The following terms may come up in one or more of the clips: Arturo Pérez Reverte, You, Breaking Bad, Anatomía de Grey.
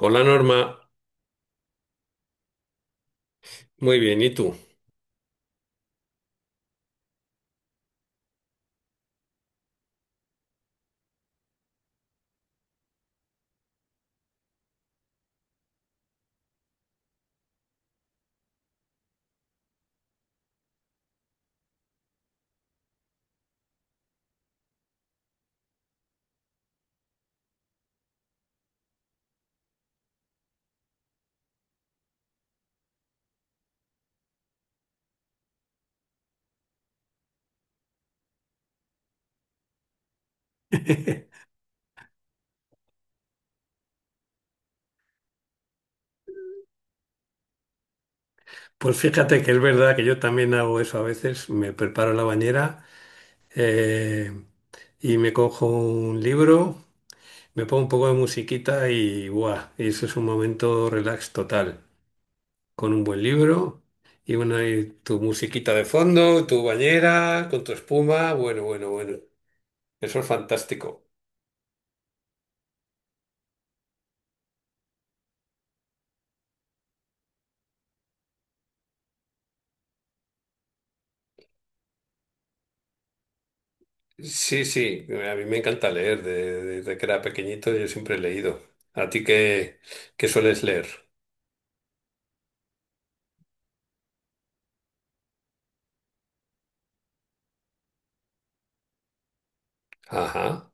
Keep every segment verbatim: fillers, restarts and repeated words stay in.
Hola Norma, muy bien, ¿y tú? Pues fíjate que es verdad que yo también hago eso a veces, me preparo la bañera eh, y me cojo un libro, me pongo un poco de musiquita y ¡buah! Y eso es un momento relax total, con un buen libro y, una, y tu musiquita de fondo, tu bañera, con tu espuma, bueno, bueno, bueno, eso es fantástico. Sí, sí, a mí me encanta leer, de- desde que era pequeñito yo siempre he leído. ¿A ti qué, qué sueles leer? Ajá.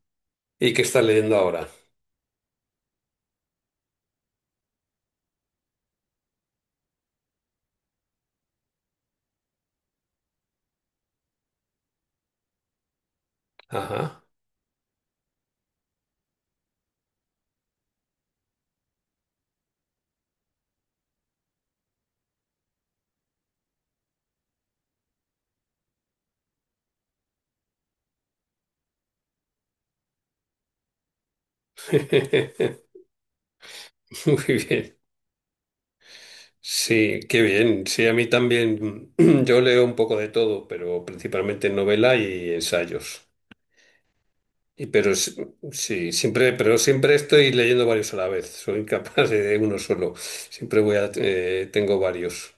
¿Y qué estás leyendo ahora? Ajá. Muy bien. Sí, qué bien. Sí, a mí también. Yo leo un poco de todo, pero principalmente novela y ensayos. Y pero s- sí, siempre, pero siempre estoy leyendo varios a la vez. Soy incapaz de uno solo. Siempre voy a, eh, tengo varios.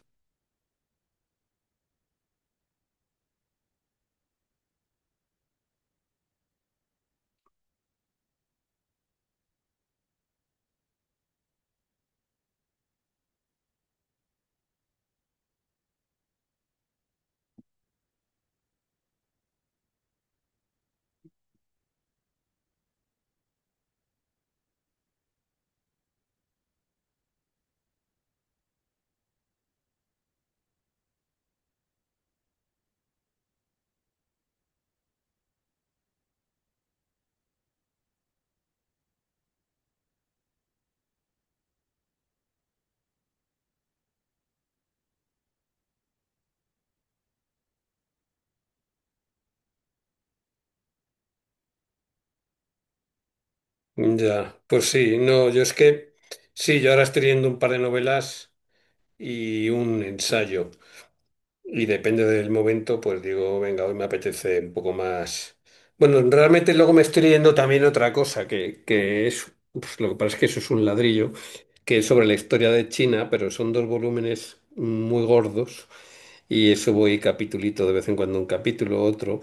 Ya, pues sí, no, yo es que sí, yo ahora estoy leyendo un par de novelas y un ensayo. Y depende del momento, pues digo, venga, hoy me apetece un poco más. Bueno, realmente luego me estoy leyendo también otra cosa, que, que es, pues, lo que pasa es que eso es un ladrillo, que es sobre la historia de China, pero son dos volúmenes muy gordos y eso voy capitulito de vez en cuando un capítulo, otro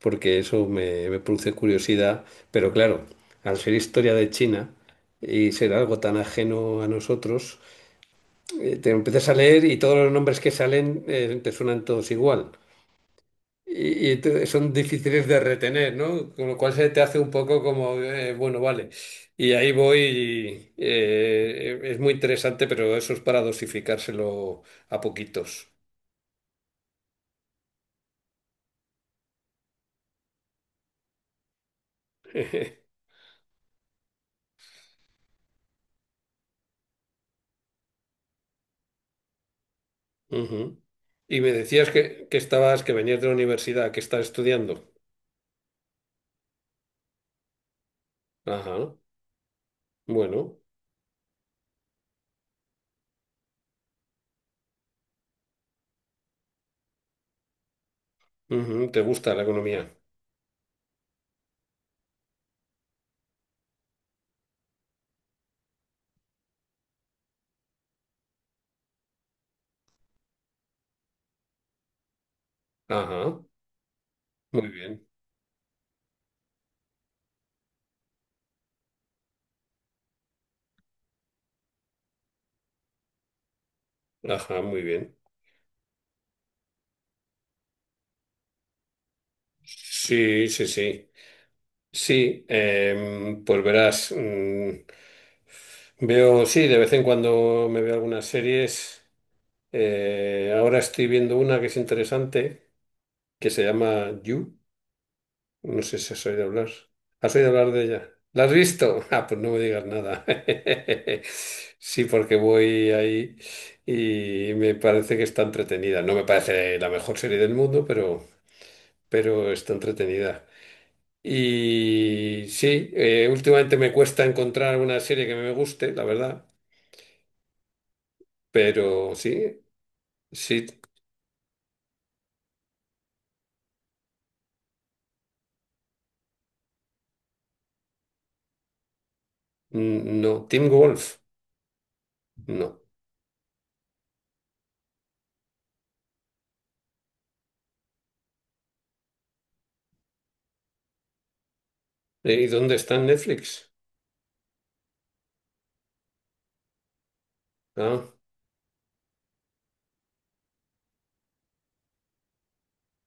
porque eso me, me produce curiosidad, pero claro, al ser historia de China y ser algo tan ajeno a nosotros, eh, te empiezas a leer y todos los nombres que salen eh, te suenan todos igual. Y, y te- son difíciles de retener, ¿no? Con lo cual se te hace un poco como, eh, bueno, vale. Y ahí voy, y, eh, es muy interesante, pero eso es para dosificárselo a poquitos. Ujú. Y me decías que, que estabas, que venías de la universidad, que estás estudiando. Ajá, bueno, ujú, ¿te gusta la economía? Ajá, muy bien, ajá, muy bien. Sí, sí, sí. Sí, em, pues verás, mm, veo, sí, de vez en cuando me veo algunas series. Eh, ahora estoy viendo una que es interesante, que se llama You. No sé si has oído hablar. ¿Has oído hablar de ella? ¿La has visto? Ah, pues no me digas nada. Sí, porque voy ahí y me parece que está entretenida. No me parece la mejor serie del mundo, pero, pero está entretenida. Y sí, eh, últimamente me cuesta encontrar una serie que me guste, la verdad. Pero sí, sí, mm, no. Team Wolf, no. Eh, ¿Y dónde está en Netflix? Ah,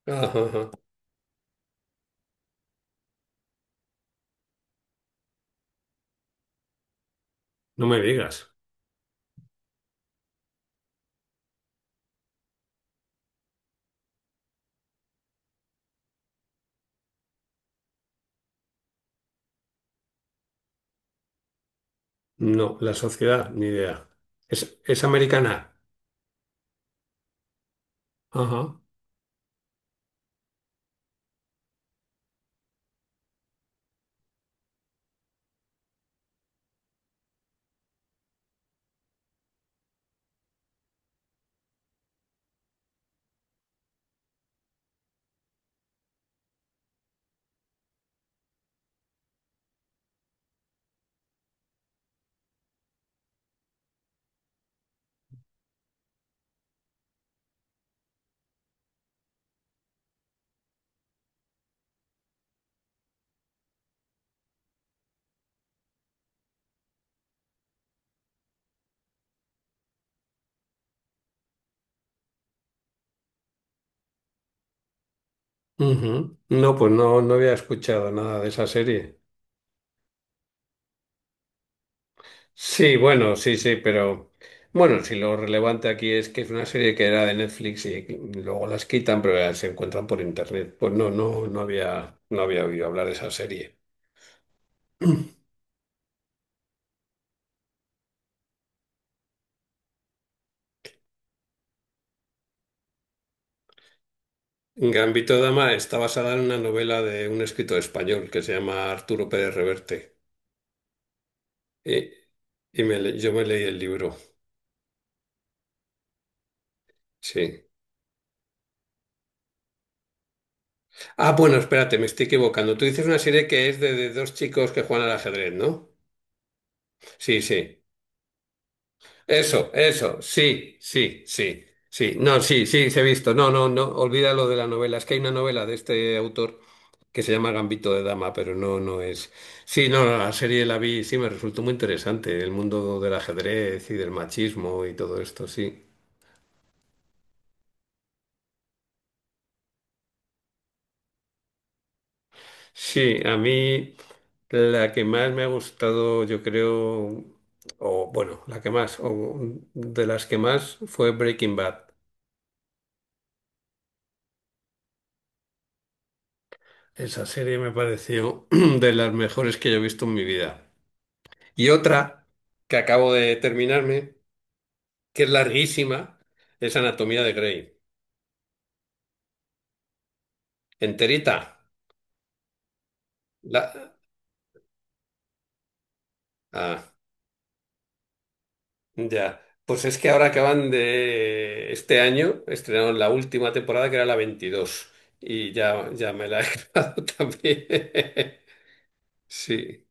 ajá, ajá. No me digas. No, la sociedad, ni idea. Es, es americana. Ajá. Ujú. No, pues no, no había escuchado nada de esa serie. Sí, bueno, sí, sí, pero bueno, si lo relevante aquí es que es una serie que era de Netflix y luego las quitan, pero ya se encuentran por internet. Pues no, no, no había, no había oído hablar de esa serie. Gambito de Dama está basada en una novela de un escritor español que se llama Arturo Pérez Reverte. Y, y me le- yo me leí el libro. Sí. Ah, bueno, espérate, me estoy equivocando. Tú dices una serie que es de, de dos chicos que juegan al ajedrez, ¿no? Sí, sí. Eso, eso, sí, sí, sí, sí. No, sí, sí, se he visto. No, no, no, olvida lo de la novela. Es que hay una novela de este autor que se llama Gambito de Dama, pero no, no es. Sí, no, no, la serie la vi, sí, me resultó muy interesante. El mundo del ajedrez y del machismo y todo esto, sí. Sí, a mí la que más me ha gustado, yo creo, o bueno, la que más, o de las que más fue Breaking Bad. Esa serie me pareció de las mejores que yo he visto en mi vida. Y otra que acabo de terminarme, que es larguísima, es Anatomía de Grey. Enterita. La... Ah. Ya, pues es que ahora acaban de este año, estrenaron la última temporada que era la veintidós y ya, ya me la he grabado también. Sí,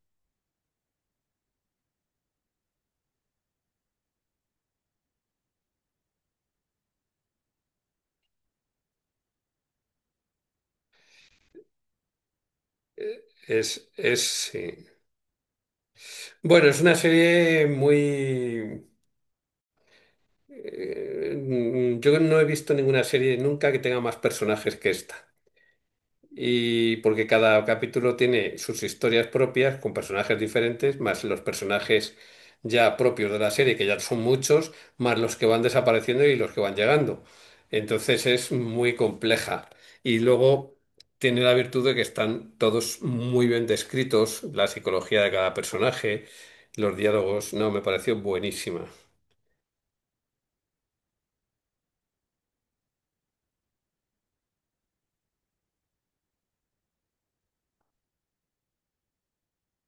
es, es, sí. Bueno, es una serie muy... eh, mm, yo no he visto ninguna serie nunca que tenga más personajes que esta. Y porque cada capítulo tiene sus historias propias con personajes diferentes, más los personajes ya propios de la serie, que ya son muchos, más los que van desapareciendo y los que van llegando. Entonces es muy compleja. Y luego tiene la virtud de que están todos muy bien descritos, la psicología de cada personaje, los diálogos, no, me pareció buenísima.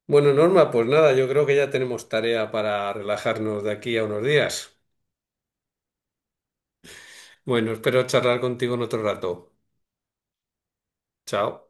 Bueno, Norma, pues nada, yo creo que ya tenemos tarea para relajarnos de aquí a unos días. Bueno, espero charlar contigo en otro rato. Chao.